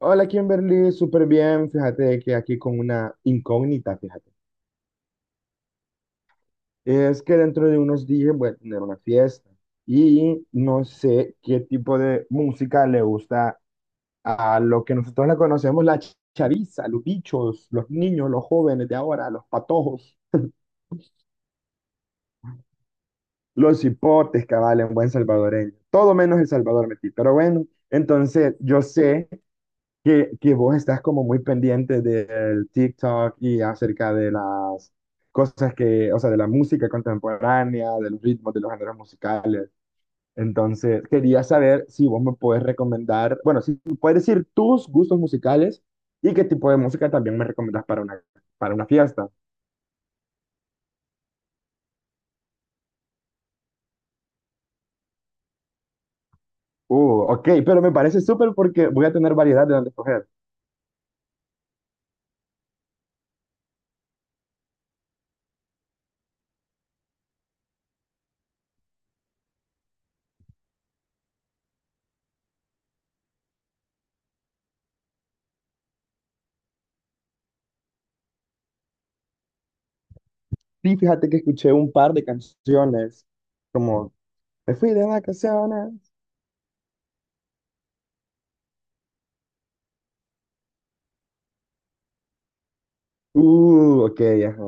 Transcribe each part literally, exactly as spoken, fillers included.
Hola Kimberly, súper bien. Fíjate que aquí con una incógnita, fíjate. Es que dentro de unos días voy a tener una fiesta y no sé qué tipo de música le gusta a lo que nosotros la conocemos, la ch- chaviza, los bichos, los niños, los jóvenes de ahora, los patojos, los hipotes, cabal, en buen salvadoreño. Todo menos El Salvador metí. Pero bueno, entonces yo sé que, que vos estás como muy pendiente del TikTok y acerca de las cosas que, o sea, de la música contemporánea, de los ritmos, de los géneros musicales. Entonces, quería saber si vos me puedes recomendar, bueno, si me puedes decir tus gustos musicales y qué tipo de música también me recomendas para una, para una fiesta. Uh, ok, pero me parece súper porque voy a tener variedad de dónde escoger. Sí, fíjate que escuché un par de canciones, como Me fui de vacaciones. Uh, ok, ajá.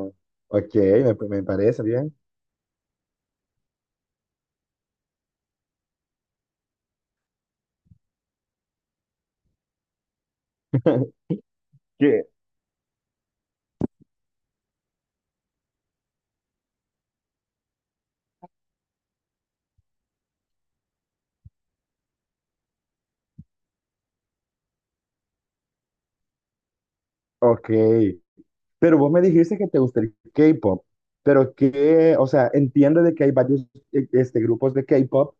Ok, me, me parece bien. ¿Qué? Ok. Pero vos me dijiste que te gusta el K-pop. Pero que, o sea, entiendo de que hay varios eh, este, grupos de K-pop,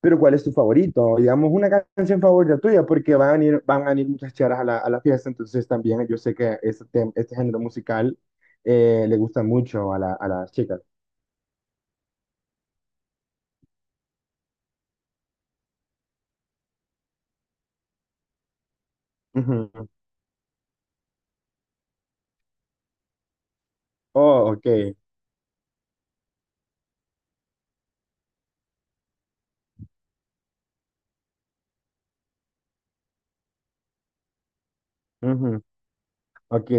pero ¿cuál es tu favorito? Digamos, una canción favorita tuya, porque van a venir, van a venir muchas charas a la, a la fiesta, entonces también yo sé que este, tem- este género musical eh, le gusta mucho a, la- a las chicas. Ujú. Oh, ok. Ujú. Ok.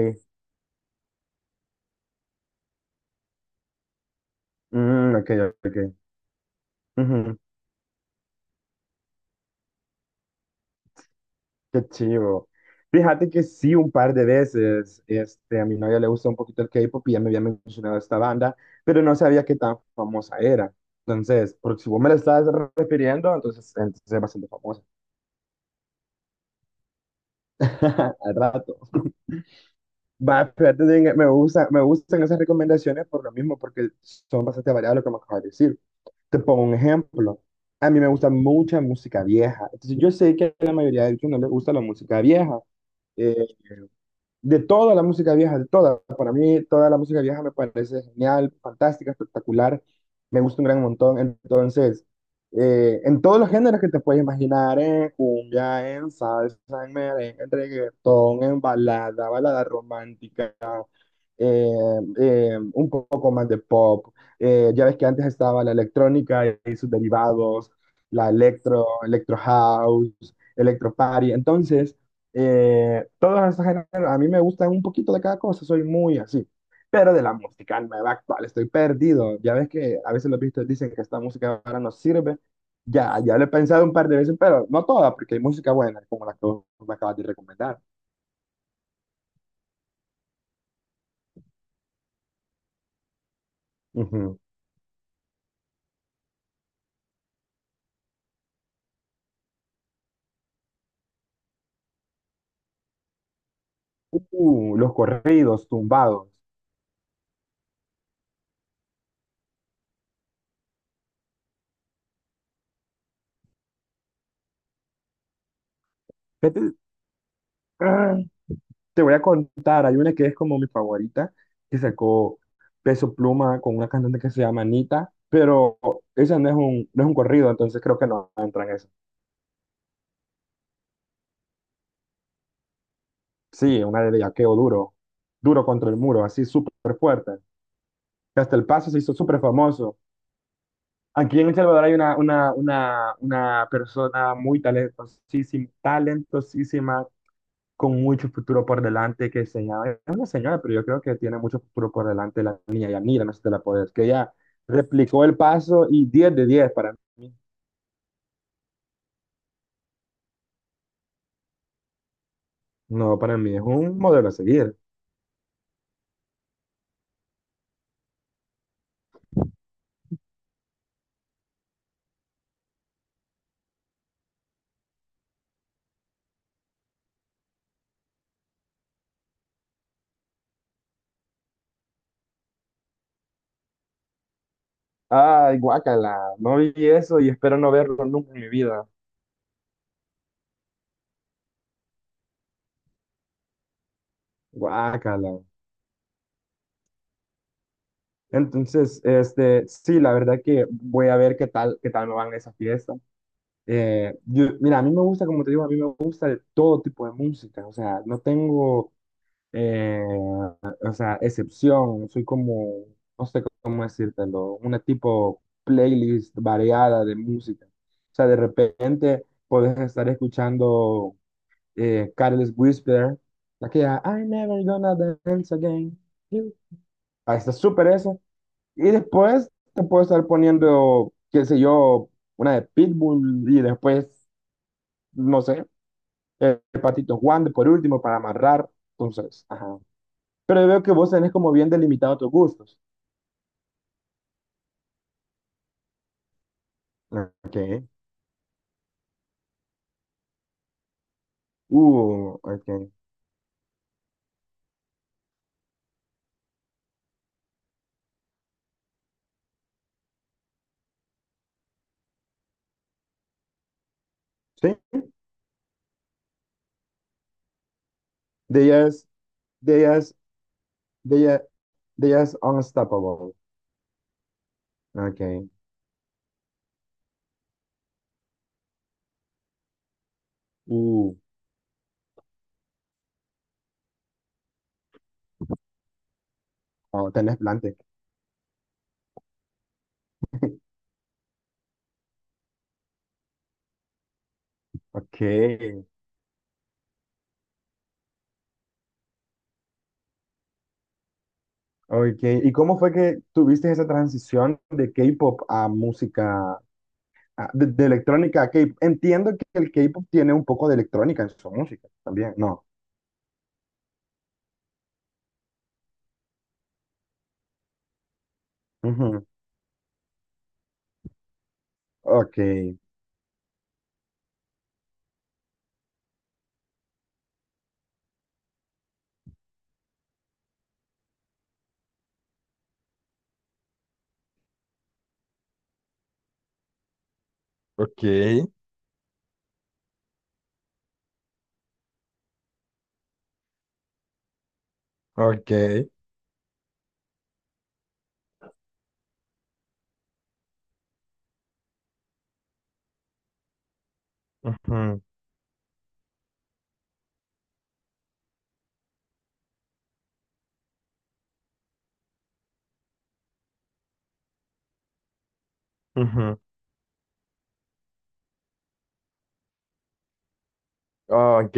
Mm, ok, ok. Ujú. Qué chivo. Fíjate que sí, un par de veces, este, a mi novia le gusta un poquito el K-pop y ya me había mencionado esta banda, pero no sabía qué tan famosa era. Entonces, porque si vos me la estás refiriendo, entonces, entonces es bastante famosa. Al rato. Va, fíjate, de- me gusta, me gustan esas recomendaciones por lo mismo, porque son bastante variadas lo que me acabas de decir. Te pongo un ejemplo. A mí me gusta mucha música vieja. Entonces, yo sé que a la mayoría de ellos no les gusta la música vieja. eh, de toda la música vieja, de toda. Para mí, toda la música vieja me parece genial, fantástica, espectacular. Me gusta un gran montón. Entonces, eh, en todos los géneros que te puedes imaginar, en cumbia, en salsa, en merengue, en reggaetón, en balada, balada romántica, eh, eh, un poco más de pop. Eh, ya ves que antes estaba la electrónica y sus derivados, la electro, electro house, electro party. Entonces, eh, todos esos géneros, a mí me gustan un poquito de cada cosa, soy muy así. Pero de la música nueva actual, estoy perdido. Ya ves que a veces los vistos dicen que esta música ahora no sirve. Ya, ya lo he pensado un par de veces, pero no toda, porque hay música buena, como la que vos me acabas de recomendar. Ujú. Uh, los corridos tumbados. Vete- ¡ah! Te voy a contar, hay una que es como mi favorita, que sacó Peso Pluma con una cantante que se llama Anita, pero esa no es un, no es un corrido, entonces creo que no entra en eso. Sí, una de bellaqueo duro, duro contra el muro, así súper fuerte. Que hasta el paso se hizo súper famoso. Aquí en El Salvador hay una, una, una, una persona muy talentosísima, talentosísima con mucho futuro por delante, que se llama, es una señora, pero yo creo que tiene mucho futuro por delante la niña Yanira, no sé si te la puedes, que ella replicó el paso y diez de diez para mí. No, para mí es un modelo a seguir. Ay, guácala, no vi eso y espero no verlo nunca en mi vida. Guácala. Entonces, este, sí, la verdad que voy a ver qué tal, qué tal me van esas fiestas. Eh, yo- mira, a mí me gusta, como te digo, a mí me gusta de todo tipo de música, o sea, no tengo eh, o sea, excepción, soy como, no sé cómo decírtelo, una tipo playlist variada de música. O sea, de repente puedes estar escuchando eh, Careless Whisper, aquella I'm never gonna dance again. You". Ahí está súper eso. Y después te puedo estar poniendo, qué sé yo, una de Pitbull y después, no sé, el Patito Juan de por último para amarrar. Entonces, ajá. Pero veo que vos tenés como bien delimitado tus gustos. Ok, uh, ok. Sí, de ellas, de ellas, de ellas, de ellas unstoppable. Ok, uh, oh, tenés plante. Ok, ok. ¿Y cómo fue que tuviste esa transición de K-pop a música, a- de, de electrónica a K-pop? Entiendo que el K-pop tiene un poco de electrónica en su música también, ¿no? Ujú. Ok, ok, ok, ujú, ujú. Ah, ok.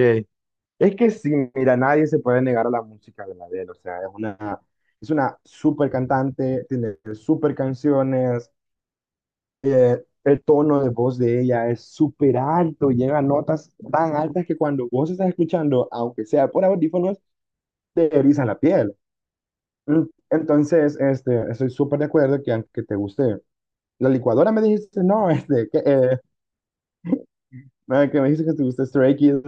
Es que sí, mira, nadie se puede negar a la música de Adele, o sea, es una, es una súper cantante, tiene súper canciones, el tono de voz de ella es súper alto, llega a notas tan altas que cuando vos estás escuchando, aunque sea por audífonos, te erizan la piel. Mm, entonces, este, estoy súper de acuerdo que aunque te guste la licuadora, me dijiste, no, este, que, eh, ah, que me dijiste que te gusta Stray Kids,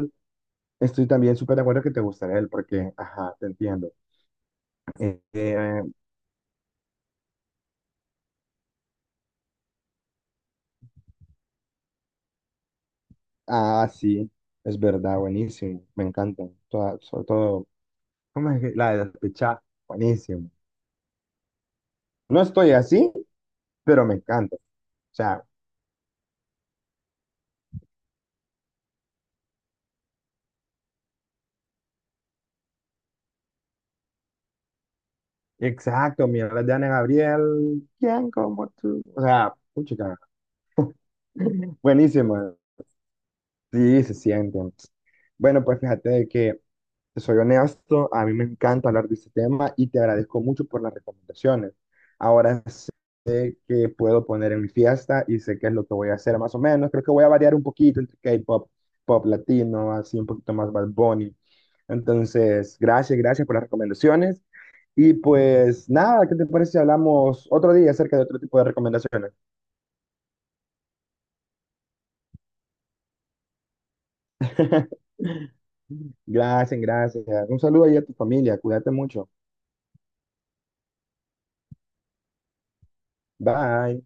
estoy también súper de acuerdo que te gusta él, porque, ajá, te entiendo. Eh, eh, Ah, sí, es verdad, buenísimo, me encantan. Toda- sobre todo, ¿cómo es que la de despechar? Buenísimo. No estoy así, pero me encanta. O sea, exacto, mira de Ana Gabriel, ¿quién como tú? O sea, puchica, buenísimo. Sí, se sienten. Bueno, pues fíjate de que te soy honesto, a mí me encanta hablar de este tema y te agradezco mucho por las recomendaciones. Ahora sé qué puedo poner en mi fiesta y sé qué es lo que voy a hacer más o menos. Creo que voy a variar un poquito entre K-pop, pop latino, así un poquito más Bad Bunny. Entonces, gracias, gracias por las recomendaciones. Y pues nada, ¿qué te parece si hablamos otro día acerca de otro tipo de recomendaciones? Gracias, gracias. Un saludo ahí a tu familia. Cuídate mucho. Bye.